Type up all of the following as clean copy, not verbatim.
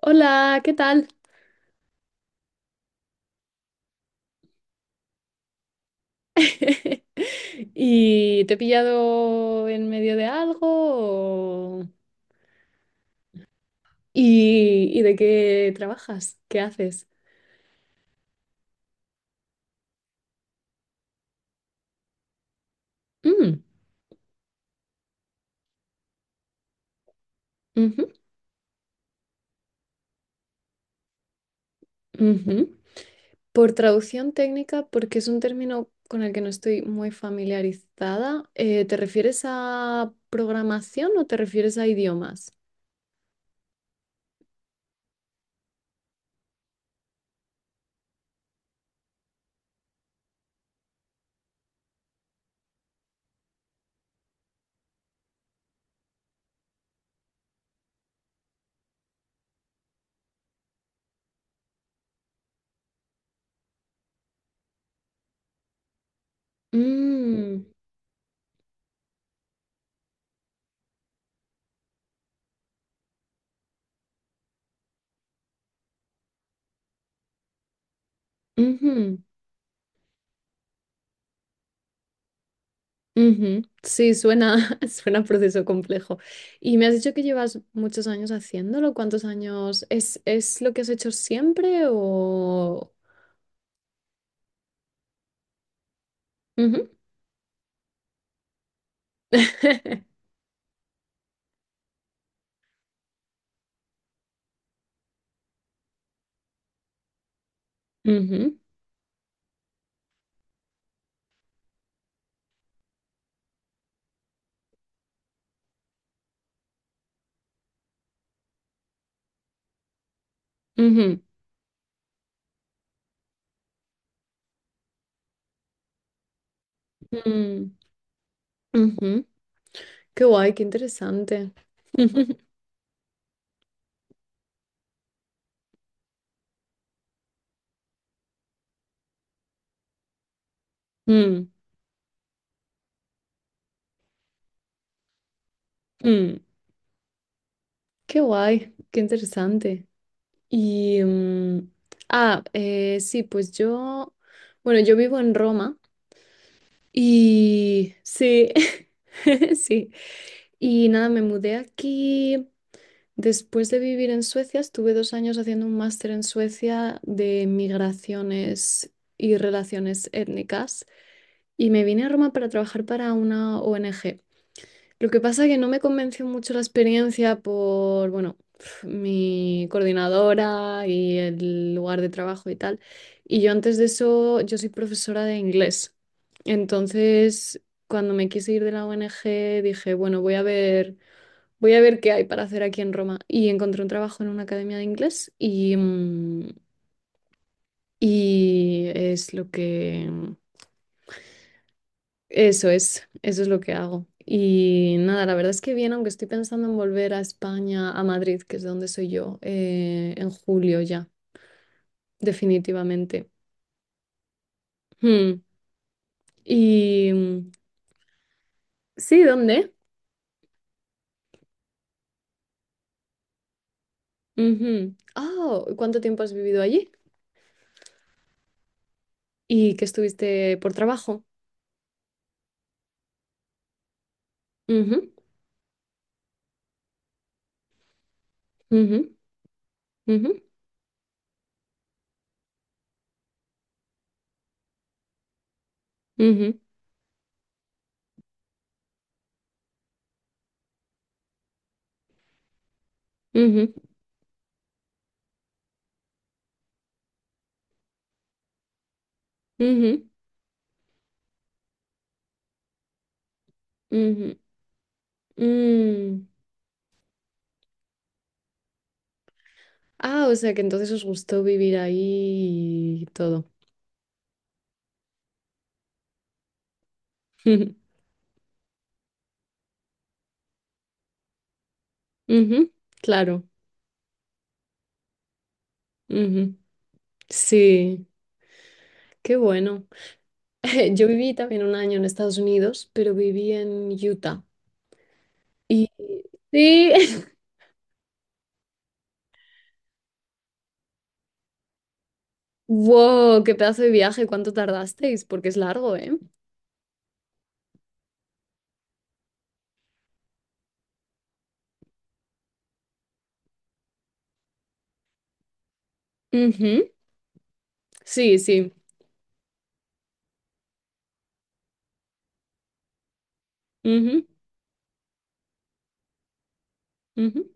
Hola, ¿qué tal? ¿Y te he pillado en medio de algo? o- ¿Y, de qué trabajas? ¿Qué haces? Mm, ujú, ujú. Por traducción técnica, porque es un término con el que no estoy muy familiarizada, ¿te refieres a programación o te refieres a idiomas? Mm, ujú. Ujú. Sí, suena, suena proceso complejo. Y me has dicho que llevas muchos años haciéndolo. ¿Cuántos años? Es lo que has hecho siempre o...? Ujú. Ujú, ujú, mm, ujú. Qué guay, qué interesante. Mm, mm. Qué guay, qué interesante. Y... mm, sí, pues bueno, yo vivo en Roma Sí, sí. Y nada, me mudé aquí. Después de vivir en Suecia, estuve dos años haciendo un máster en Suecia de migraciones y relaciones étnicas. Y me vine a Roma para trabajar para una ONG. Lo que pasa que no me convenció mucho la experiencia por, bueno, mi coordinadora y el lugar de trabajo y tal. Y yo antes de eso, yo soy profesora de inglés. Entonces, cuando me quise ir de la ONG, dije, bueno, voy a ver. Voy a ver qué hay para hacer aquí en Roma. Y encontré un trabajo en una academia de inglés y es lo eso es, eso es lo que hago. Y nada, la verdad es que bien, aunque estoy pensando en volver a España, a Madrid, que es de donde soy yo, en julio ya, definitivamente. Hmm. Y mm, sí, ¿dónde? Ujú. Ah, ¿cuánto tiempo has vivido allí? ¿Y que estuviste por trabajo? Ujú, ujú, ujú, ujú, ujú, ujú, ujú. Ujú. Mm. Ah, o sea que entonces os gustó vivir ahí y todo. Ujú, claro. Ujú. Sí, qué bueno. Yo viví también un año en Estados Unidos, pero viví en Utah. Y sí, wow, qué pedazo de viaje, ¿cuánto tardasteis? Porque es largo, ¿eh? Ujú, sí, sí. Ujú, ujú,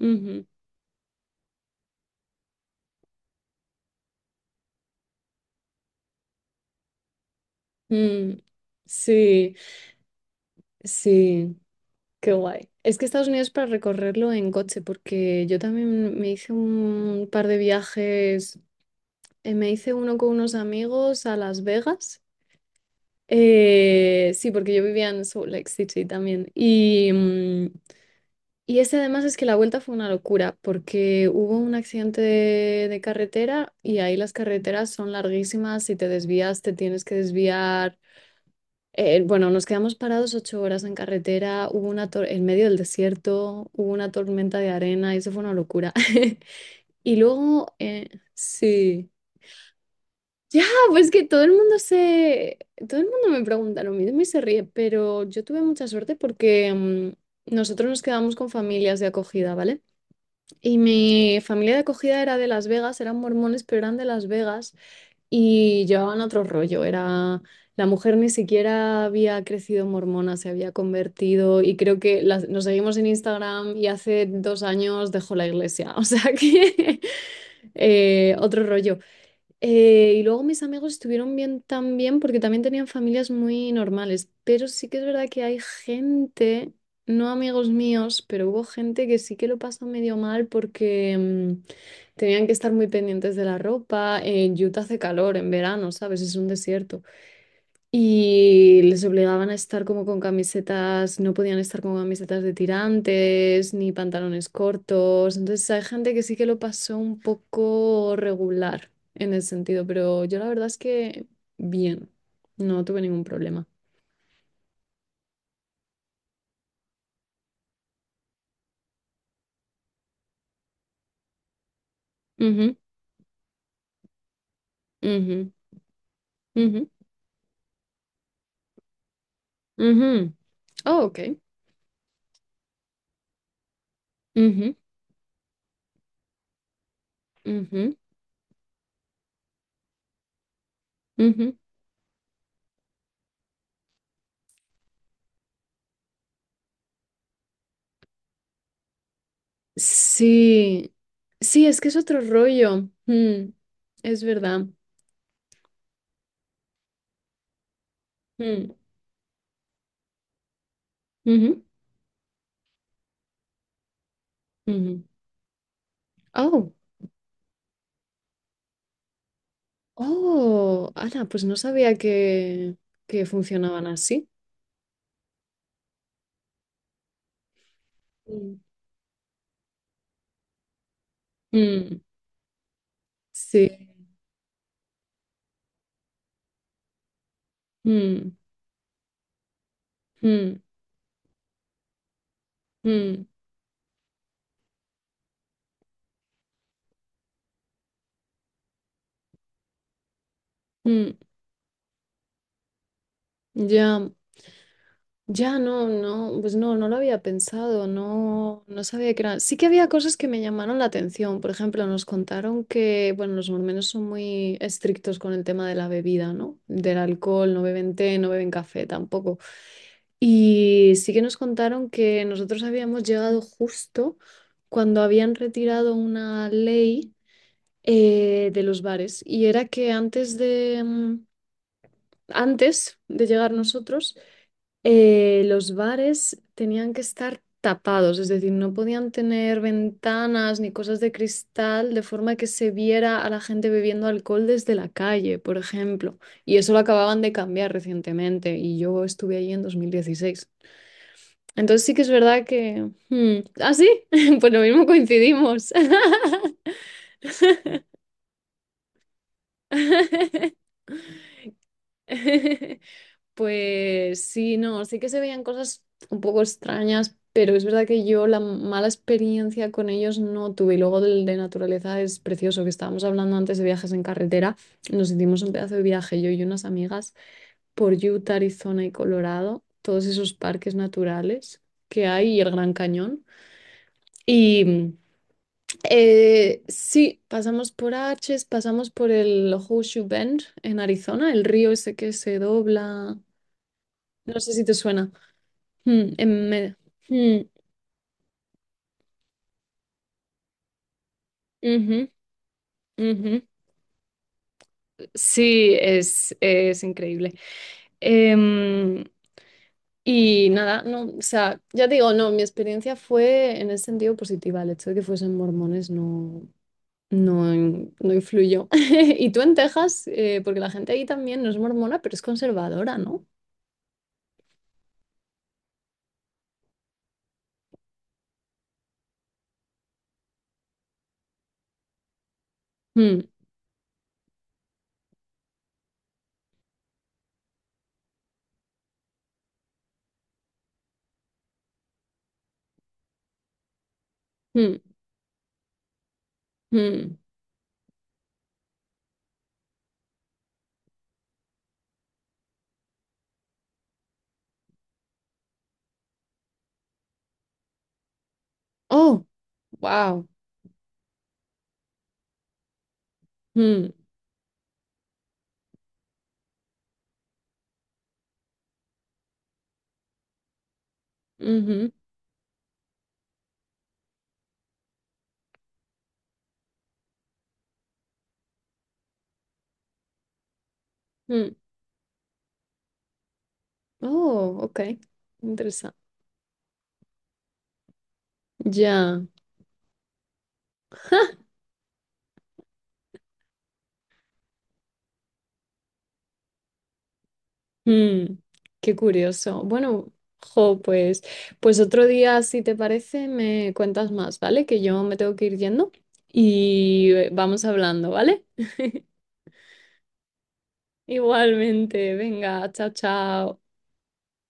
ujú. Mm, sí, sí. Qué guay. Es que Estados Unidos para recorrerlo en coche, porque yo también me hice un par de viajes, me hice uno con unos amigos a Las Vegas. Sí, porque yo vivía en Salt Lake City también. Y ese además es que la vuelta fue una locura, porque hubo un accidente de carretera y ahí las carreteras son larguísimas, si te desvías te tienes que desviar. Bueno, nos quedamos parados ocho horas en carretera, hubo una en medio del desierto, hubo una tormenta de arena, y eso fue una locura. Y luego, sí, ya, pues que todo el mundo se, todo el mundo me pregunta lo mismo y se ríe, pero yo tuve mucha suerte porque nosotros nos quedamos con familias de acogida, ¿vale? Y mi familia de acogida era de Las Vegas, eran mormones, pero eran de Las Vegas. Y llevaban otro rollo, era la mujer ni siquiera había crecido mormona, se había convertido y creo que nos seguimos en Instagram y hace dos años dejó la iglesia, o sea que otro rollo. Y luego mis amigos estuvieron bien también porque también tenían familias muy normales, pero sí que es verdad que hay gente, no amigos míos, pero hubo gente que sí que lo pasó medio mal porque tenían que estar muy pendientes de la ropa. En Utah hace calor en verano, ¿sabes? Es un desierto. Y les obligaban a estar como con camisetas, no podían estar con camisetas de tirantes ni pantalones cortos. Entonces hay gente que sí que lo pasó un poco regular en ese sentido, pero yo la verdad es que bien, no tuve ningún problema. Ujú, ujú, ujú, ujú. Oh, ok. Ujú, ujú, ujú. Sí, sí, es que es otro rollo. Mm, es verdad. Mm, ujú, ujú. Oh, oh, Ana, pues no sabía que funcionaban así. Mm, mm, sí. Mm, mm, mm, mm. Ya. Ya no, no, pues no, no lo había pensado, no, no sabía que eran. Sí que había cosas que me llamaron la atención. Por ejemplo, nos contaron que, bueno, los mormones son muy estrictos con el tema de la bebida, ¿no? Del alcohol, no beben té, no beben café tampoco. Y sí que nos contaron que nosotros habíamos llegado justo cuando habían retirado una ley de los bares. Y era que antes de antes de llegar nosotros, los bares tenían que estar tapados, es decir, no podían tener ventanas ni cosas de cristal de forma que se viera a la gente bebiendo alcohol desde la calle, por ejemplo. Y eso lo acababan de cambiar recientemente y yo estuve allí en 2016. Entonces sí que es verdad que... ¿Ah, sí? Pues lo mismo coincidimos. Pues sí, no, sí que se veían cosas un poco extrañas, pero es verdad que yo la mala experiencia con ellos no tuve. Y luego del de naturaleza es precioso, que estábamos hablando antes de viajes en carretera. Nos hicimos un pedazo de viaje, yo y unas amigas, por Utah, Arizona y Colorado, todos esos parques naturales que hay y el Gran Cañón. Y mm, sí, pasamos por Arches, pasamos por el Horseshoe Bend en Arizona, el río ese que se dobla. No sé si te suena. Mm, en me- mm, Ujú, ujú. Sí, es increíble. Em, y nada, no, o sea, ya te digo, no, mi experiencia fue en ese sentido positiva. El hecho de que fuesen mormones no, no, no influyó. Y tú en Texas, porque la gente ahí también no es mormona, pero es conservadora, ¿no? Mm, mm, mm. Oh, wow. Mm, ujú, mm. Oh, ok. Interesante. Ya. Mm, qué curioso. Bueno, jo, pues otro día, si te parece, me cuentas más, ¿vale? Que yo me tengo que ir yendo y vamos hablando, ¿vale? Igualmente, venga, chao, chao.